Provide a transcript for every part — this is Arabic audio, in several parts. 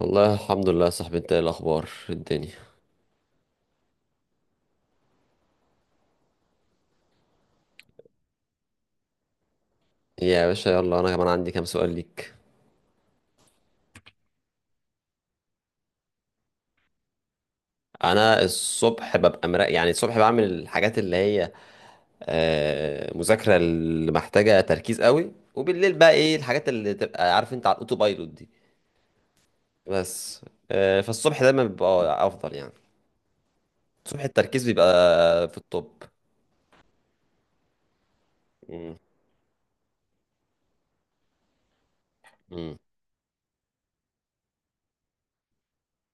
والله الحمد لله يا صاحبي، انت ايه الاخبار الدنيا؟ يا باشا يلا، انا كمان عندي كام سؤال ليك. انا الصبح ببقى مرا، يعني الصبح بعمل الحاجات اللي هي مذاكره، اللي محتاجه تركيز قوي. وبالليل بقى، ايه الحاجات اللي تبقى عارف انت على الاوتو بايلوت دي. بس فالصبح دايما بيبقى افضل يعني. الصبح التركيز بيبقى في التوب. مم. مم.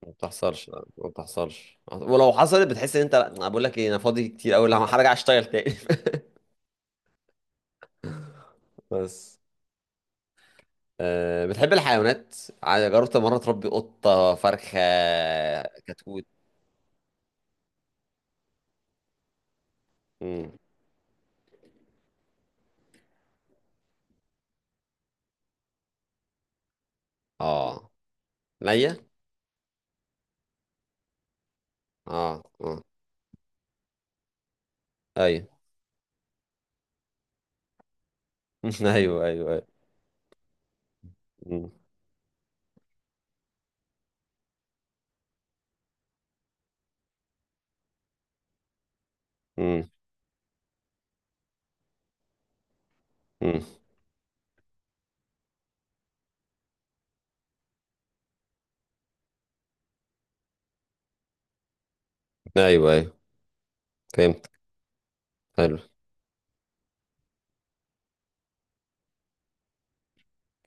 ما بتحصلش. ما بتحصلش، ولو حصلت بتحس ان انت، انا بقول لك ايه، انا فاضي كتير قوي، لا هرجع اشتغل تاني. بس. أه، بتحب الحيوانات؟ جربت مرة تربي قطة، فرخة، كتكوت؟ مم. اه. ليا. اه، اه، ايوه. ايوه، ايوه، ايوه. مم. مم. مم. ايوه، ايوه. فهمت. حلو.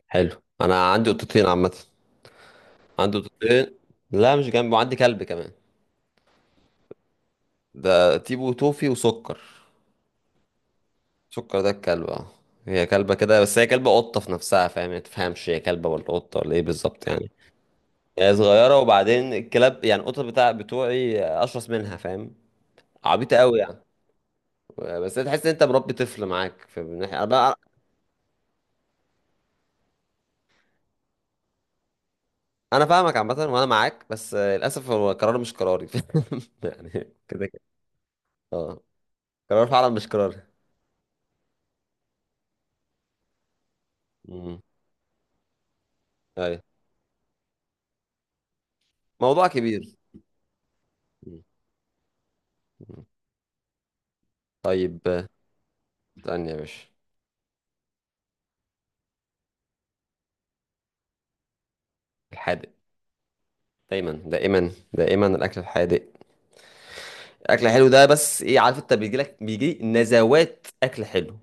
حلو، انا عندي قطتين عامة. عندي قطتين. لا مش جنبي، وعندي كلب كمان. ده تيبو، توفي، وسكر. سكر ده الكلب، اه. هي كلبة كده، بس هي كلبة قطة في نفسها، فاهم يعني؟ ما تفهمش هي كلبة ولا قطة ولا ايه بالظبط يعني. هي صغيرة، وبعدين الكلاب، يعني القطط بتاع بتوعي أشرس منها، فاهم؟ عبيطة قوي يعني. بس تحس إن أنت مربي طفل معاك، في من ناحية أنا بقى. أنا فاهمك عامة، وأنا معاك، بس للأسف هو قرار مش قراري. يعني كده كده. أه، قرار فعلا مش قراري. أمم. أيوة. موضوع كبير. أمم. طيب، استني يا باشا. الحادق. دايما، دائما، دائما الأكل الحادق. الأكل الحلو ده بس إيه، عارف أنت، بيجي لك بيجي نزوات أكل حلو.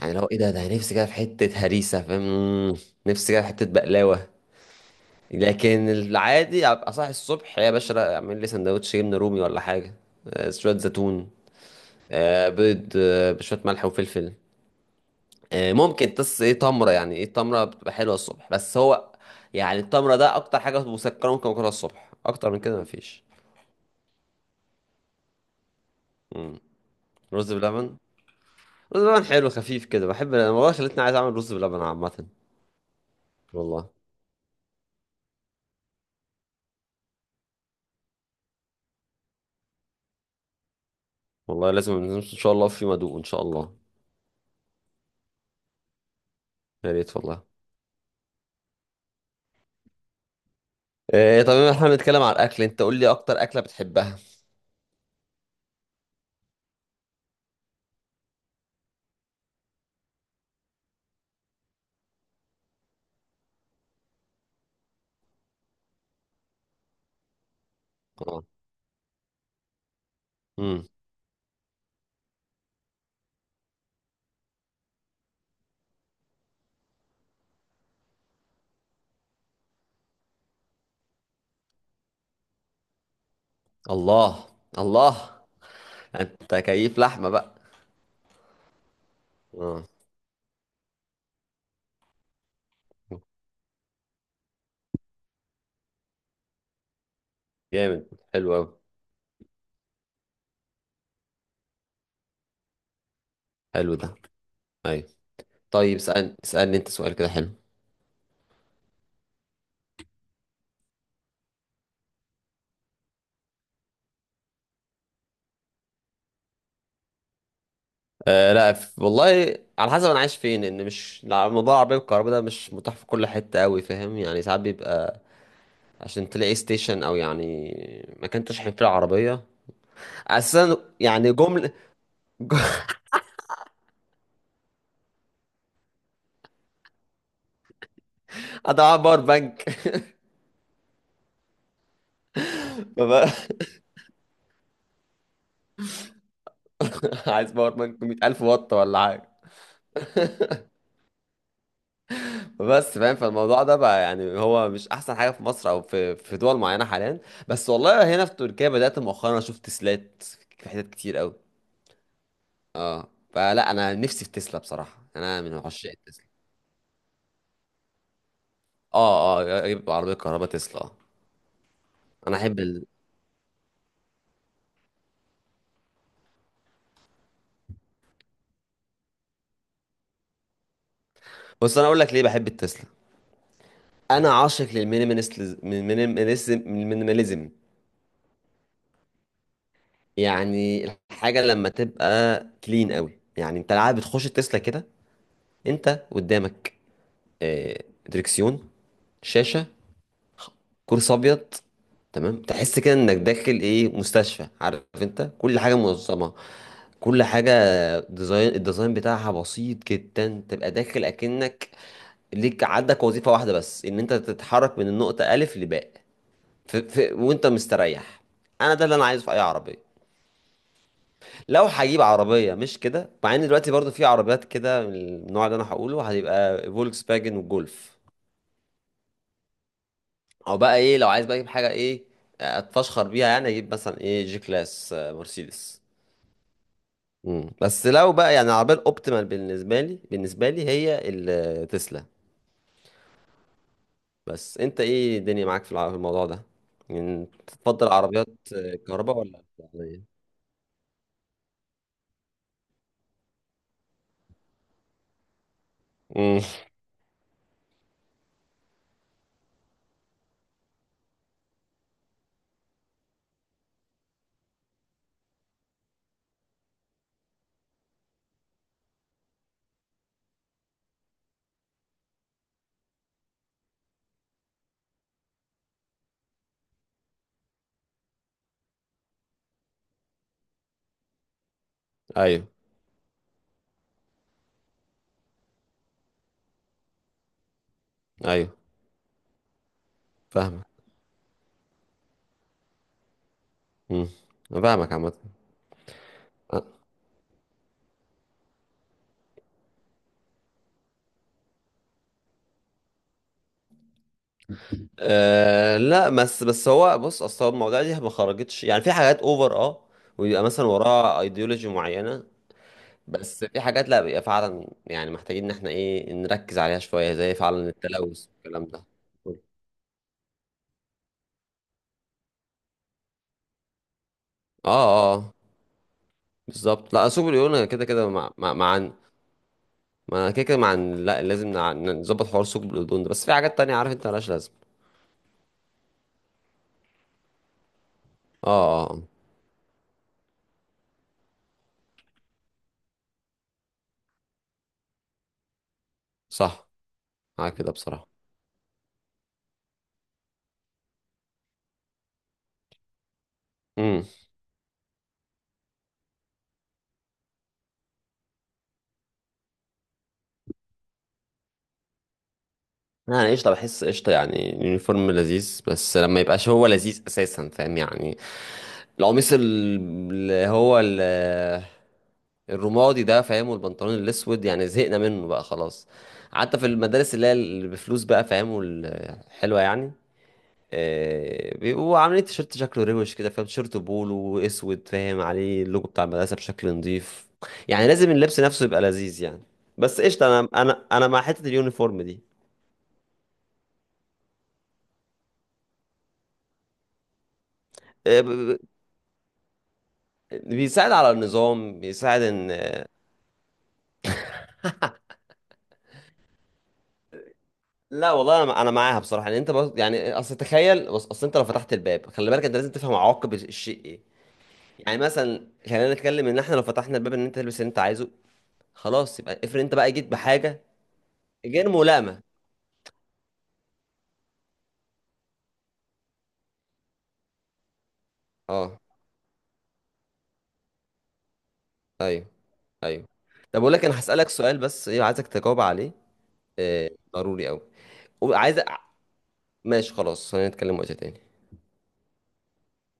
يعني لو ايه، ده نفسي كده في حتة هريسة، فاهم؟ نفسي كده في حتة بقلاوة. لكن العادي ابقى صاحي الصبح يا باشا، لا، اعمل لي سندوتش جبنة رومي ولا حاجة، شوية زيتون، بيض، بشوية ملح وفلفل. ممكن تص ايه تمرة. يعني ايه، تمرة بتبقى حلوة الصبح. بس هو يعني التمرة ده اكتر حاجة مسكرة ممكن اكلها الصبح. اكتر من كده مفيش. مم. رز بلبن. رز بلبن حلو خفيف كده، بحب انا والله، خلتني عايز اعمل رز بلبن عامة. والله. والله لازم ان شاء الله، في مدوق ان شاء الله. يا ريت والله. إيه، طب احنا بنتكلم على الاكل، انت قول لي اكتر اكله بتحبها. اه. امم. الله. الله. انت كيف لحمه بقى. اه. جامد. حلو قوي. حلو ده. ايوه. طيب، اسالني، اسالني انت سؤال كده حلو. آه، لا والله على حسب انا عايش فين. ان مش، لا، موضوع العربيه الكهرباء ده مش متاح في كل حته قوي، فاهم؟ يعني ساعات بيبقى، عشان تلاقي ستيشن او يعني مكان تشحن فيه العربيه اساسا، يعني جمله. اضيع باور بانك. عايز باور بانك 100,000 واط ولا حاجة. بس فاهم، فالموضوع ده بقى يعني هو مش احسن حاجه في مصر او في دول معينه حاليا. بس والله هنا في تركيا بدات مؤخرا اشوف تسلات في حتت كتير قوي، اه. فلا، انا نفسي في تسلا بصراحه، انا من عشاق التسلا. اه، اه، يبقى عربيه كهرباء تسلا، اه. انا احب ال... بص انا اقول لك ليه بحب التسلا. انا عاشق للمينيماليزم. المينيماليزم يعني الحاجه لما تبقى كلين قوي، يعني انت العادة بتخش التسلا كده، انت قدامك آه، دريكسيون، شاشة، كرسي ابيض، تمام. تحس كده انك داخل ايه، مستشفى. عارف انت، كل حاجه منظمه، كل حاجه، ديزاين، الديزاين بتاعها بسيط جدا. تبقى داخل اكنك ليك، عندك وظيفه واحده بس، ان انت تتحرك من النقطه الف لباء. وانت مستريح. انا ده اللي انا عايزه في اي عربيه. لو هجيب عربيه مش كده، مع ان دلوقتي برضو في عربيات كده من النوع اللي انا هقوله، هتبقى فولكس فاجن وجولف. او بقى ايه، لو عايز بقى اجيب حاجه ايه، اتفشخر بيها، يعني اجيب مثلا ايه، جي كلاس، مرسيدس. مم. بس لو بقى يعني العربيه الاوبتيمال بالنسبه لي، بالنسبه لي هي التسلا. بس انت ايه الدنيا معاك في الموضوع ده؟ يعني تفضل عربيات كهرباء ولا بتاعية؟ امم. ايوه. ايوه. فاهمك. امم. أنا فاهمك عامه. أه. أه لا، بس هو بص، اصل هو المواضيع دي ما خرجتش، يعني في حاجات اوفر، اه، ويبقى مثلا وراها ايديولوجي معينه. بس في حاجات لا، بيبقى فعلا يعني محتاجين ان احنا ايه، نركز عليها شوية، زي فعلا التلوث والكلام ده. اه. اه. بالظبط. لا، ثقب اليون أنا كده كده مع ما أنا كده كده مع لا، لازم نظبط حوار ثقب الأوزون ده، بس في حاجات تانية عارف انت مالهاش لازمة. اه. اه. صح. معاك كده بصراحة. امم. يعني قشطة، بحس قشطة، يعني اليونيفورم لذيذ، بس لما يبقاش هو لذيذ اساسا، فاهم يعني؟ القميص اللي هو ال- الرمادي ده، فاهم، والبنطلون الاسود، يعني زهقنا منه بقى خلاص. حتى في المدارس اللي هي اللي بفلوس بقى فاهم، والحلوه يعني بيبقوا عاملين تيشيرت شكله روش كده، فاهم، تيشيرت بولو اسود، فاهم، عليه اللوجو بتاع المدرسه بشكل نظيف. يعني لازم اللبس نفسه يبقى لذيذ يعني. بس قشطه، انا مع حته اليونيفورم دي. آه، ب- ب- بيساعد على النظام، بيساعد ان، لا والله انا معاها بصراحه. يعني انت بص، يعني اصل تخيل، بص اصل انت لو فتحت الباب، خلي بالك انت لازم تفهم عواقب الشيء إيه. يعني مثلا خلينا نتكلم، ان احنا لو فتحنا الباب ان انت تلبس اللي انت عايزه، خلاص، يبقى افرض انت بقى جيت بحاجه غير ملائمه. اه. ايوه. ايوه. طب اقول لك، انا هسالك سؤال بس، ايه، عايزك تجاوب عليه، آه، ضروري قوي، وعايز. ماشي خلاص، خلينا نتكلم وقت تاني.